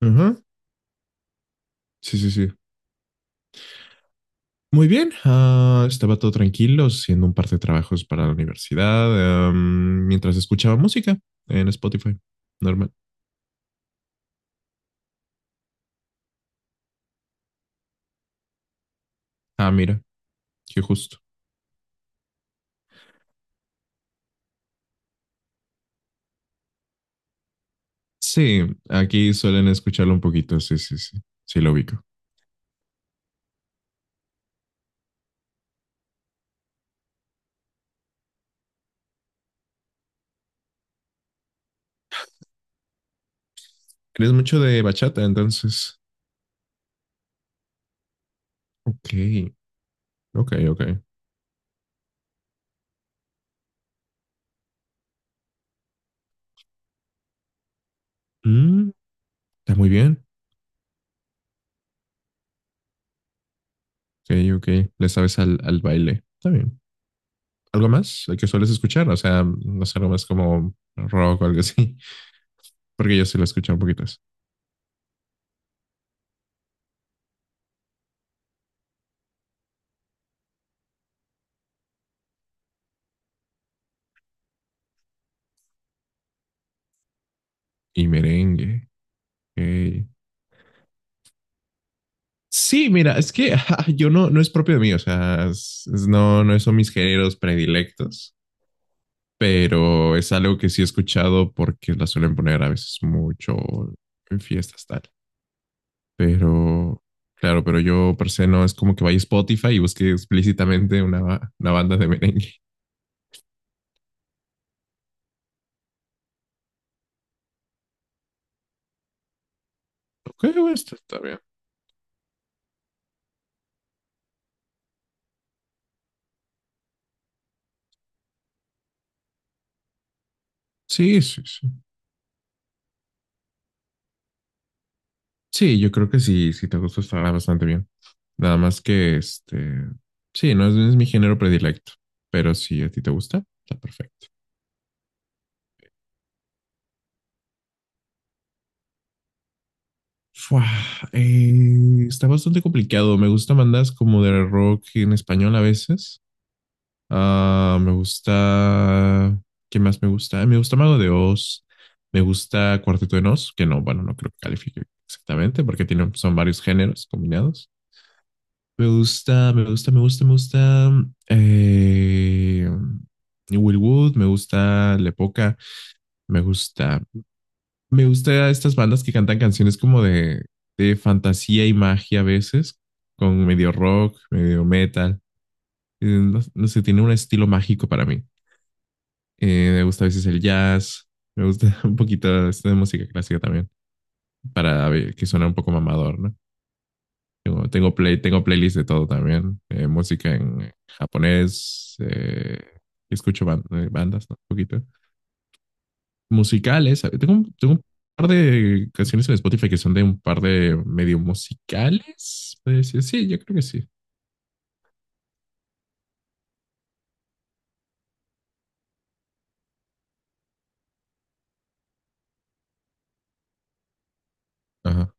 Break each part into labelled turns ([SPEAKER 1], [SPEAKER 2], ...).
[SPEAKER 1] Ajá. Sí, sí, sí. Muy bien. Estaba todo tranquilo haciendo un par de trabajos para la universidad, mientras escuchaba música en Spotify. Normal. Ah, mira, qué justo. Sí, aquí suelen escucharlo un poquito. Sí, sí, sí. Sí, lo ubico. Eres mucho de bachata, entonces. Ok, ok, ok. Mm, está muy bien. Ok, ok. Le sabes al, al baile. Está bien. ¿Algo más que sueles escuchar? O sea, no sé, algo más como rock o algo así. Porque yo sí lo escucho un poquito. Y merengue. Ok. Sí, mira, es que ajá, yo no, no es propio de mí, o sea, no, no son mis géneros predilectos, pero es algo que sí he escuchado porque la suelen poner a veces mucho en fiestas, tal. Pero, claro, pero yo per se no es como que vaya a Spotify y busque explícitamente una, una banda de merengue. Ok, bueno, está, está bien. Sí, sí, sí. Sí, yo creo que sí, si te gusta estará bastante bien. Nada más que este, sí, no es, no es mi género predilecto, pero si a ti te gusta, está perfecto. Fua, está bastante complicado. Me gustan bandas como de rock en español a veces. Ah, me gusta, ¿qué más me gusta? Me gusta Mago de Oz. Me gusta Cuarteto de Nos, que no, bueno, no creo que califique exactamente porque tiene, son varios géneros combinados. Me gusta, me gusta, me gusta, me gusta. eh, Will Wood, me gusta Lepoca, me gusta. Me gusta estas bandas que cantan canciones como de fantasía y magia a veces, con medio rock, medio metal. No, no sé, tiene un estilo mágico para mí. Me gusta a veces el jazz, me gusta un poquito esta de música clásica también, para ver que suena un poco mamador, ¿no? Tengo, tengo, play, tengo playlist de todo también. Música en japonés. Escucho bandas, ¿no? Un poquito. Musicales. ¿Sabes? Tengo, tengo un par de canciones en Spotify que son de un par de medio musicales. Puede decir. Sí, yo creo que sí. Ajá.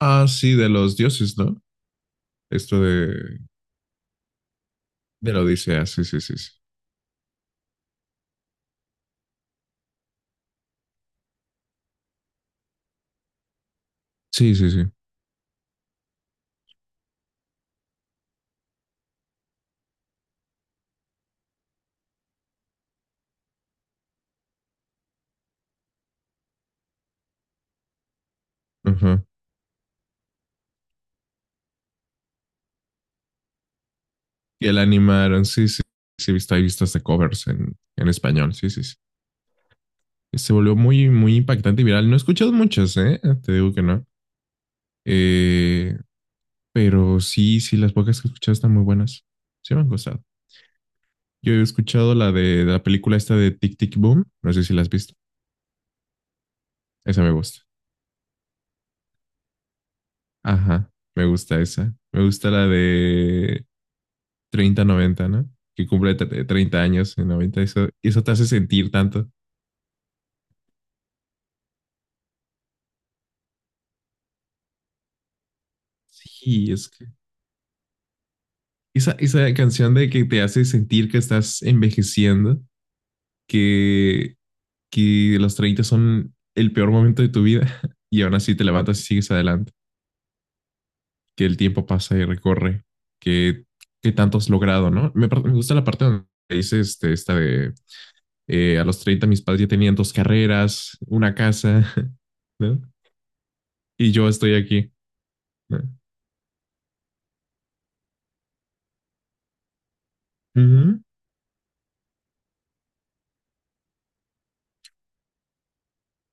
[SPEAKER 1] Ah, sí, de los dioses, ¿no? Esto de la Odisea. Sí, sí, sí, sí. Sí, sí, sí. Ajá. Y el animaron. Sí, sí. Sí, he visto hasta covers en español. Sí, sí, sí. Se volvió muy, muy impactante y viral. No he escuchado muchas, ¿eh? Te digo que no. Eh, pero sí, sí, las pocas que he escuchado están muy buenas. Sí me han gustado. Yo he escuchado la de la película esta de Tic Tic Boom. No sé si la has visto. Esa me gusta. Ajá, me gusta esa. Me gusta la de 30/90, ¿no? Que cumple 30 años en 90. Eso te hace sentir tanto. Sí, es que esa canción de que te hace sentir que estás envejeciendo, que que los 30 son el peor momento de tu vida y aún así te levantas y sigues adelante, que el tiempo pasa y recorre, que, que tanto has logrado, ¿no? Me, me gusta la parte donde dice este, esta de a los 30 mis padres ya tenían dos carreras, una casa, ¿no? Y yo estoy aquí. ¿No? Ujú.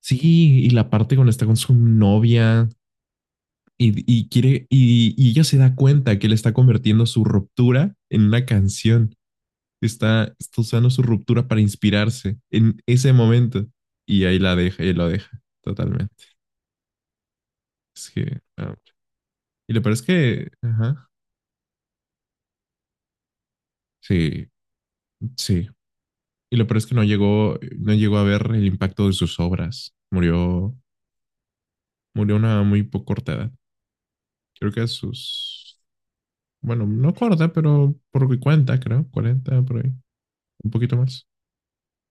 [SPEAKER 1] Sí, y la parte cuando está con su novia y quiere, y ella se da cuenta que él está convirtiendo su ruptura en una canción. Está, está usando su ruptura para inspirarse en ese momento. Y ahí la deja, y lo deja totalmente. Es que, ah, y lo peor es que, ajá, sí, sí. Y lo peor es que no llegó, no llegó a ver el impacto de sus obras. Murió, murió a una muy poco corta edad. Creo que a sus, bueno, no corta, pero por mi cuenta, creo, 40 por ahí, un poquito más.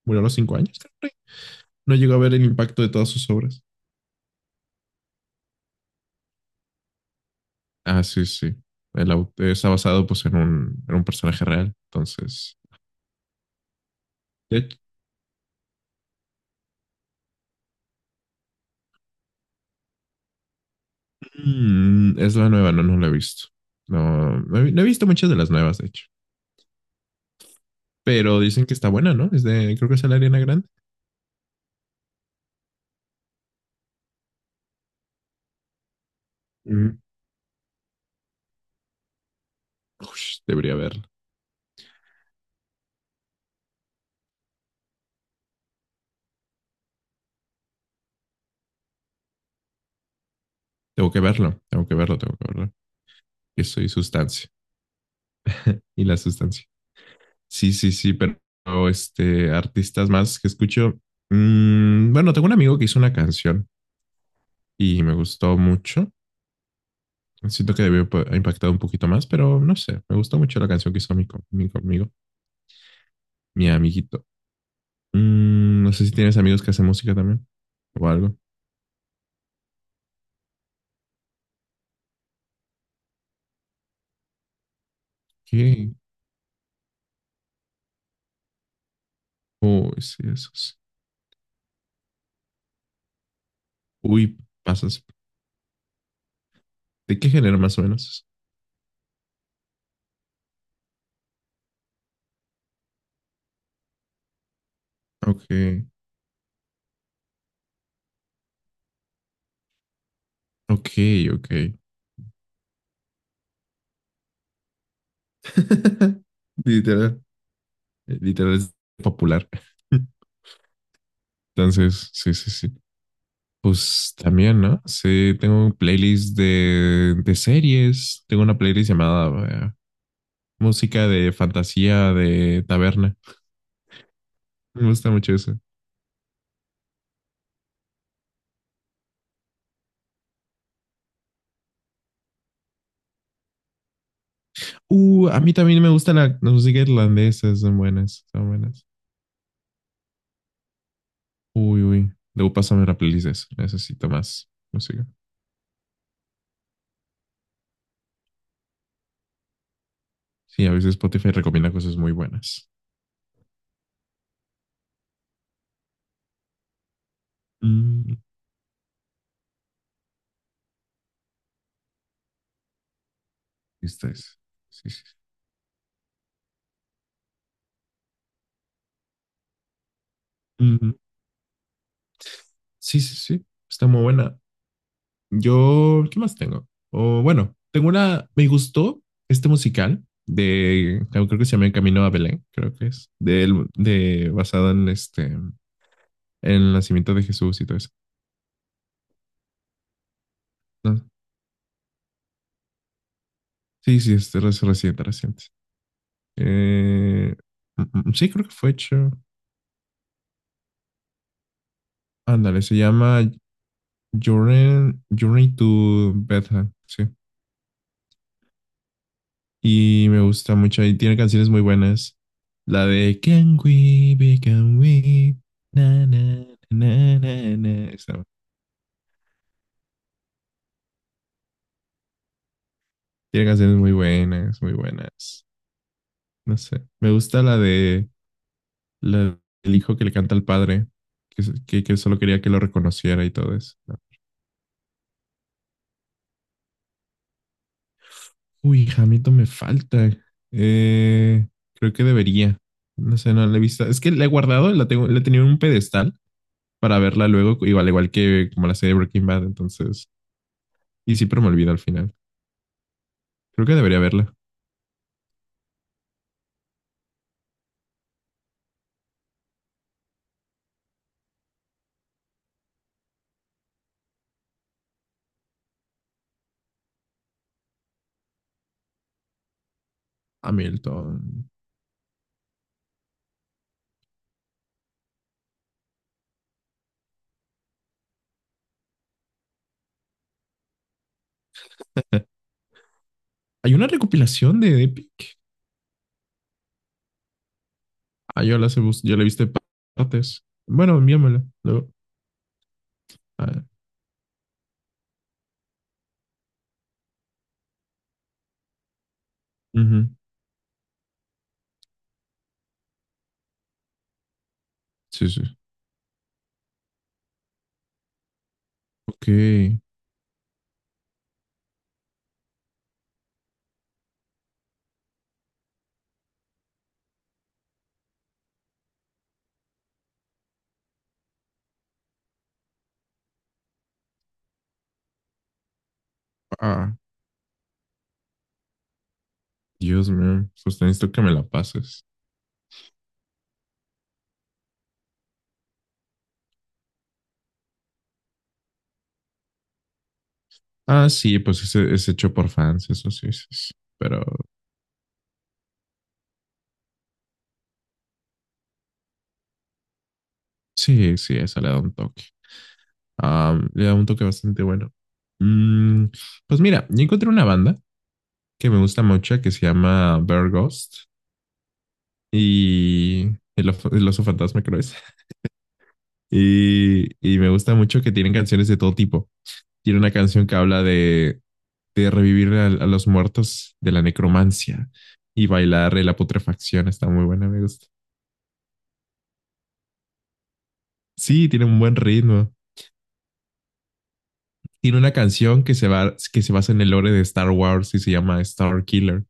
[SPEAKER 1] Murió a los 5 años, creo. No llegó a ver el impacto de todas sus obras. Ah, sí, sí. Está basado pues en un personaje real. Entonces, de hecho, mm, es la nueva, no, no la he visto. No, no he, no he visto muchas de las nuevas, de hecho. Pero dicen que está buena, ¿no? Es de, creo que es de la Ariana Grande. Mm. Ush, debería verlo. Tengo que verlo, tengo que verlo, tengo que verlo. Que soy sustancia. Y la sustancia. Sí, sí, sí, pero este, artistas más que escucho. Mm, bueno, tengo un amigo que hizo una canción y me gustó mucho. Siento que debió ha impactado un poquito más, pero no sé. Me gustó mucho la canción que hizo mi, mi amigo, mi amiguito. Mm, no sé si tienes amigos que hacen música también o algo. ¿Qué? Uy, sí, esos. Uy, pasas. ¿De qué género más o menos? Ok, ok, ok. Literal, literal es popular. Entonces, sí, sí, sí. Pues también, ¿no? Sí, tengo un playlist de series. Tengo una playlist llamada música de fantasía, de taberna. Me gusta mucho eso. A mí también me gusta la, la música irlandesa, son buenas, son buenas. Uy, uy. Debo pasarme la playlist de eso. Necesito más música. Sí, a veces Spotify recomienda cosas muy buenas. Mm, esta es. Sí, sí. Mm, sí, sí, sí. Está muy buena. Yo, ¿qué más tengo? O bueno, tengo una, me gustó este musical de, creo que se llama El Camino a Belén, creo que es, de basado en este, el nacimiento de Jesús y todo eso. No, sí, sí, es reciente, reciente. Eh, mm, mm, sí, creo que fue hecho. Ándale, se llama Journey, Journey to Bethlehem, sí. Y me gusta mucho, y tiene canciones muy buenas. La de Can We Be, Can We, na, na, na, na, na. Esa, tiene canciones muy buenas, muy buenas. No sé, me gusta la de... la- el hijo que le canta al padre, que, que solo quería que lo reconociera y todo eso. Uy, Hamilton me falta. Eh, creo que debería. No sé, no la he visto. Es que la he guardado, la tengo, la tenía en un pedestal para verla luego, igual, igual que como la serie Breaking Bad, entonces. Y sí, pero me olvido al final. Creo que debería verla. Hamilton. Hay una recopilación de Epic. Ah, yo la, yo la he visto de partes. Bueno, envíamela luego. Ah, ujú. Sí, sí. Ok. Ah, Dios mío, pues necesito que me la pases. Ah, sí, pues es hecho por fans, eso sí, sí, sí. Pero sí, sí, esa le da un toque. Ah, le da un toque bastante bueno. Mm, pues mira, yo encontré una banda que me gusta mucho que se llama Bear Ghost y el, el oso fantasma, creo es. Y, y me gusta mucho que tienen canciones de todo tipo. Tiene una canción que habla de revivir a los muertos de la necromancia y bailar la putrefacción. Está muy buena, me gusta. Sí, tiene un buen ritmo. Tiene una canción que se va, que se basa en el lore de Star Wars y se llama Star Killer.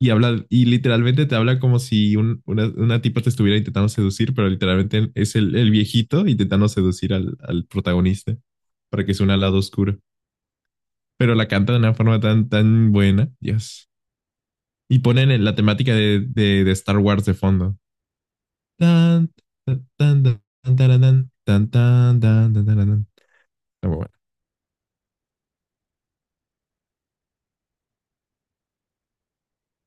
[SPEAKER 1] Y habla, y literalmente te habla como si una tipa te estuviera intentando seducir, pero literalmente es el viejito intentando seducir al, al protagonista para que sea un lado oscuro. Pero la canta de una forma tan, tan buena, Dios. Y ponen en la temática de Star Wars de fondo. Tan, tan, tan, tan, tan, tan, tan, tan, tan, tan, tan, tan. Está muy bueno.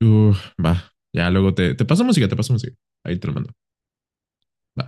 [SPEAKER 1] Uf, va, ya luego te, te paso música, te paso música. Ahí te lo mando. Va.